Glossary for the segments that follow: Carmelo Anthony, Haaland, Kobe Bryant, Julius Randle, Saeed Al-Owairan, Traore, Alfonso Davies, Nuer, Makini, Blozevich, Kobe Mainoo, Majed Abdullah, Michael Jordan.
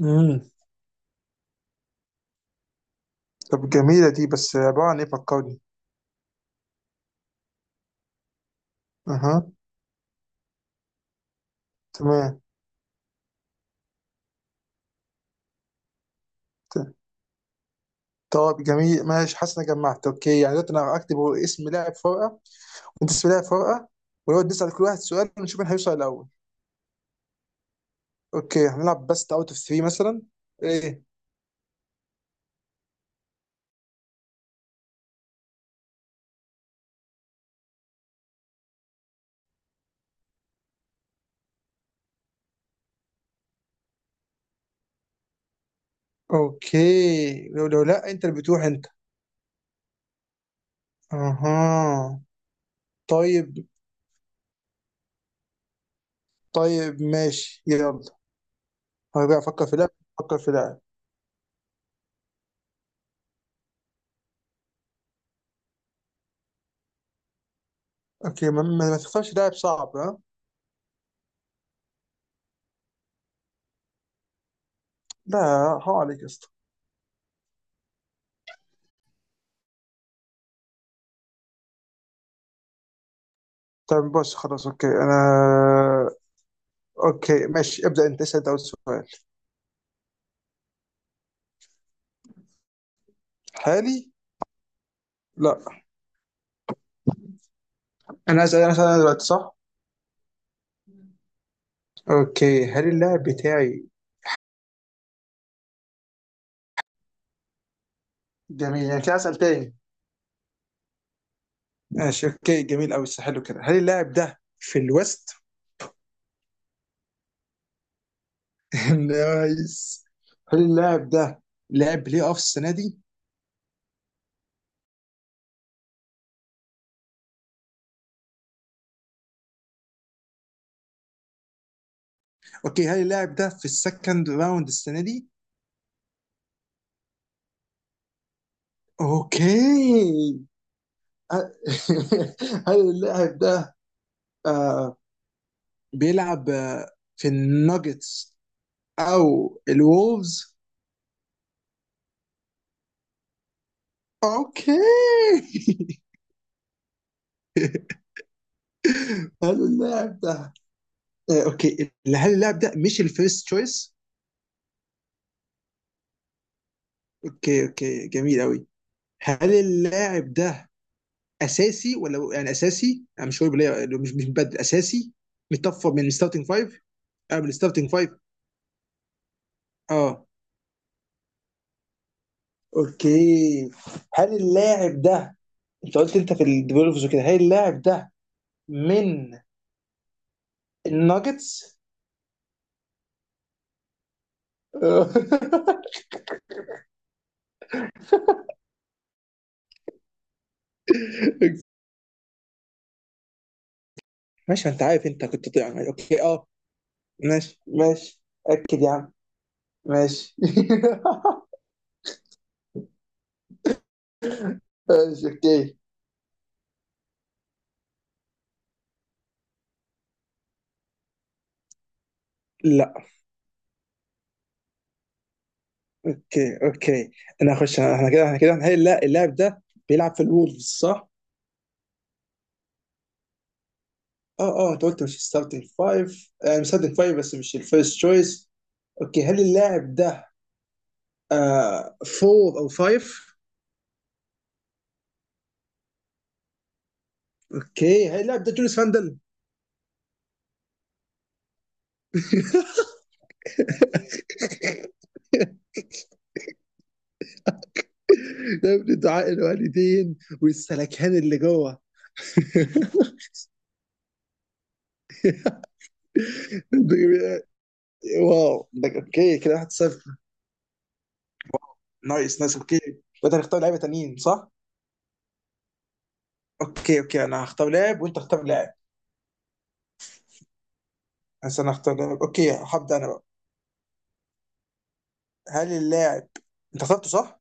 امم طب جميلة دي بس عبارة عن ايه فكرني. اها، تمام. ت- طب جميل، ماشي، حاسس اني جمعت. اوكي، يعني دلوقتي انا هكتب هو اسم لاعب فرقة، وانت اسم لاعب فرقة، ونقعد نسأل كل واحد سؤال ونشوف مين هيوصل الأول. اوكي هنلعب بست اوت اوف 3 مثلا. ايه، اوكي، لو لو لا انت اللي بتروح انت. اها، طيب. طيب ماشي يلا. هرجع افكر في لاعب، افكر في لاعب. اوكي ما تختارش لاعب صعب ها. لا حرام عليك يا اسطى. طب بص خلاص، اوكي انا. اوكي ماشي، ابدا انت اسال ده أول سؤال. حالي، لا. انا اسال، انا اسال، أنا دلوقتي صح؟ اوكي هل اللاعب بتاعي. جميل، يعني كده اسال تاني. ماشي اوكي، جميل قوي، حلو كده. هل اللاعب ده في الويست؟ نايس. هل اللاعب ده لعب بلاي اوف السنه دي؟ اوكي هل اللاعب ده في السكند راوند السنه دي؟ اوكي، ه- هل اللاعب ده، آه، بيلعب، آه، في الناجتس او الولفز؟ اوكي حلو اللاعب ده، آه، اوكي هل اللاعب ده مش الفيرست تشويس؟ اوكي اوكي، جميل قوي. هل اللاعب ده اساسي ولا، يعني اساسي انا مش هقول ليه، مش مبدل اساسي، من الستارتنج فايف؟ اه من الستارتنج فايف، اه. اوكي هل اللاعب ده، انت قلت انت في الديفلوبرز وكده، هل اللاعب ده من الناجتس؟ ماشي، ما انت عارف انت كنت طيب، يعني اوكي اه. ماشي ماشي. اكد يا عم. ماشي. ماشي اوكي. لا اوكي اوكي، انا هخش احنا كده، احنا كده هنحل. لا اللاعب ده بيلعب في الولفز صح؟ اه اه، انت قلت مش ستارتنج فايف، يعني ستارتنج فايف بس مش الفيرست تشويس. اوكي هل اللاعب ده، آه، فور او فايف؟ اوكي هل اللاعب ده جوليس فاندل؟ ده ابن دعاء الوالدين والسلكان اللي جوه. واو، ده اوكي كده 1-0. نايس نايس اوكي. وانت هتختار لعيبه تانيين صح؟ اوكي اوكي، انا هختار لاعب وانت هختار لاعب. بس انا هختار لاعب. اوكي هبدا انا بقى. هل اللاعب انت اخترته صح؟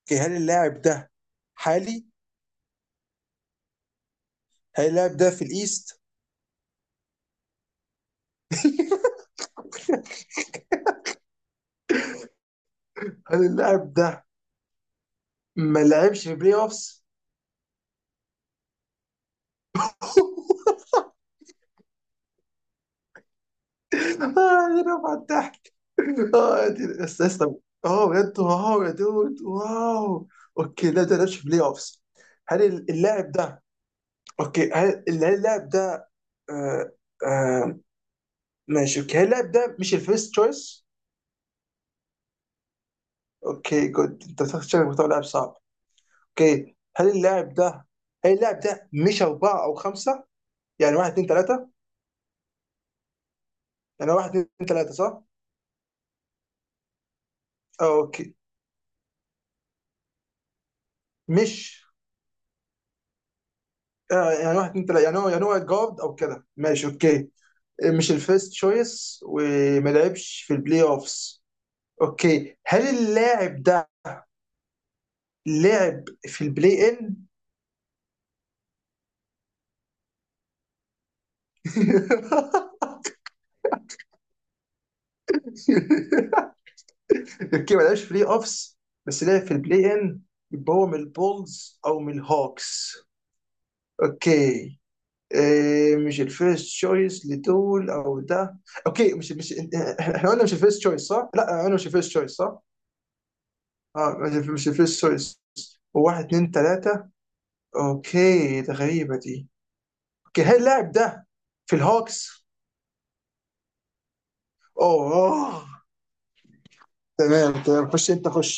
اوكي هل اللاعب ده حالي؟ هل اللاعب ده في الايست؟ هل اللاعب ده ما لعبش في بلاي اوفس؟ اه يا رفع الضحك. اه بس لسه. اه بجد، واو يا دود واو. اوكي لا ده لعبش بلاي اوفس. هل اللاعب ده، اوكي هل اللاعب ده، آه، آه، ماشي اوكي، هل اللاعب ده مش الفيرست تشويس؟ اوكي جود، انت بتاخد شكلك بتاخد لاعب صعب. اوكي هل اللاعب ده، هل اللاعب ده مش أربعة أو خمسة؟ يعني واحد اتنين تلاتة؟ يعني واحد اتنين تلاتة صح؟ آه اوكي، مش، آه يعني واحد اتنين تلاتة، يعني هو، يعني هو جارد أو كده، ماشي اوكي. آه، مش الفيرست تشويس وما لعبش في البلاي اوفس. اوكي هل اللاعب ده لعب في البلاي ان؟ تركيا ما لعبش في بلاي اوفس بس لعب في البلاي ان، يبقى هو من البولز او من الهوكس. اوكي إيه، مش الفيرست تشويس لدول او ده. اوكي مش، احنا قلنا مش الفيرست تشويس صح؟ لا قلنا مش الفيرست تشويس صح؟ اه مش الفيرست تشويس، واحد اتنين تلاتة. اوكي ده غريبة دي. اوكي هل اللاعب ده في الهوكس؟ اوه أوه. تمام تمام، خش انت خش.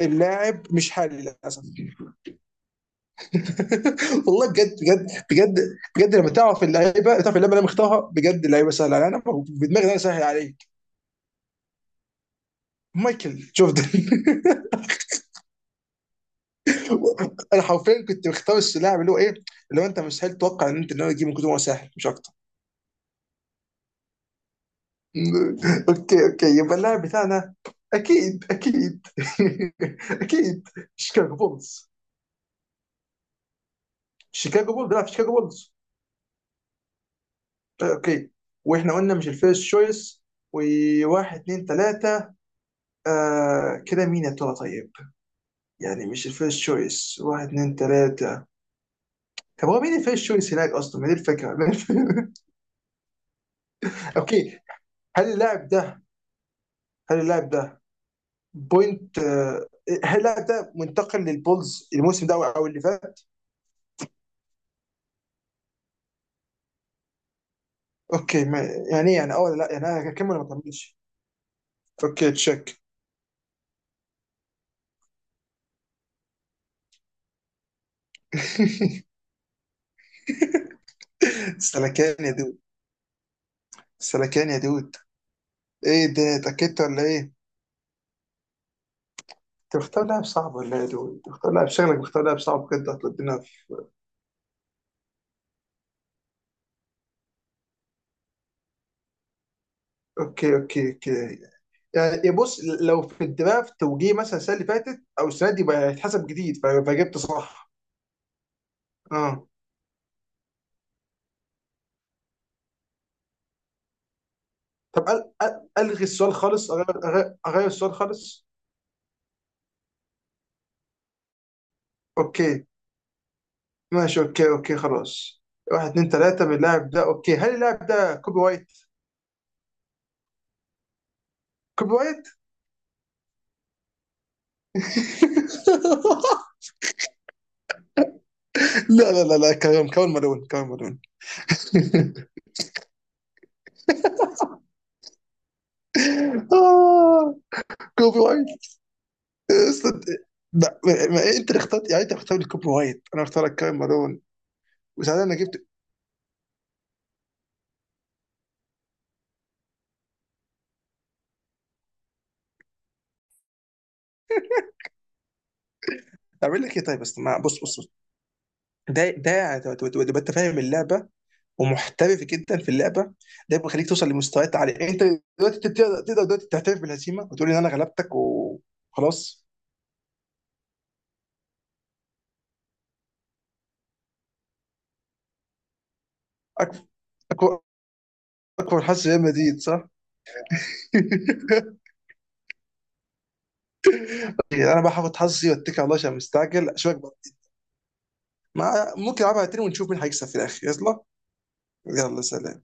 اللاعب مش حالي للاسف. والله بجد بجد بجد. بجد لما تعرف اللعيبه، تعرف اللعيبه اللي انا مختارها، بجد اللعيبه سهله عليا انا، في دماجي انا سهل عليك. مايكل جوردن. انا حرفيا كنت مختار اللاعب اللي هو ايه، اللي هو انت مستحيل تتوقع ان انت ان هو يجيب من كتر ما هو سهل مش اكتر. اوكي اوكي، يبقى اللاعب بتاعنا، اكيد اكيد. اكيد شيكاغو بولز. شيكاغو بولز بيلعب في شيكاغو بولز. اوكي، واحنا قلنا مش الفيرست شويس، وواحد اتنين تلاته. آه كده مين يا ترى طيب؟ يعني مش الفيرست تشويس، واحد اتنين تلاتة. طب هو مين الفيرست تشويس هناك أصلا، ما دي الفكرة. أوكي هل اللاعب ده، هل اللاعب ده بوينت، آه، هل اللاعب ده منتقل للبولز الموسم ده أو اللي فات؟ أوكي، ما يعني إيه، يعني أه ولا لا، يعني أنا هكمل ولا ما أكملش؟ أوكي تشيك. سلكان يا دود، سلكان يا دود. إيه ده، اتأكدت ولا إيه؟ أنت مختار لاعب صعب ولا إيه يا دود؟ أنت مختار لاعب، شغلك مختار لاعب صعب بجد، هتودينا في. أوكي أوكي أوكي. يعني بص، لو في الدرافت توجيه مثلا السنه اللي فاتت او السنه دي بقى هيتحسب جديد، فجبت صح. اه طب أل أل الغي السؤال خالص، أغير السؤال خالص. اوكي ماشي، اوكي اوكي خلاص. واحد اتنين تلاته من اللاعب ده. اوكي هل اللاعب ده كوبي وايت؟ كوبي وايت؟ لا لا لا لا، كمان كمان مالون، كمان مالون. آه، كوبي وايت. أصلاً- لا انت اللي اخترت، يعني انت اللي اخترت كوبي وايت، انا اخترت كمان مالون. وساعتها انا جبت. طب اقول لك ايه طيب، بس ما بص بص بص، ده تبقى انت فاهم اللعبه ومحترف جدا في اللعبه، ده بيخليك توصل لمستويات عاليه. انت دلوقتي تقدر دلوقتي تعترف بالهزيمه وتقول ان انا غلبتك وخلاص. اكبر، اكبر، اكبر حظ ريال مدريد صح؟ انا بقى هاخد حظي واتكل على الله عشان مستعجل اشوفك بقى. ما ممكن العبها تاني ونشوف مين هيكسب في الاخر، يلا. يلا سلام.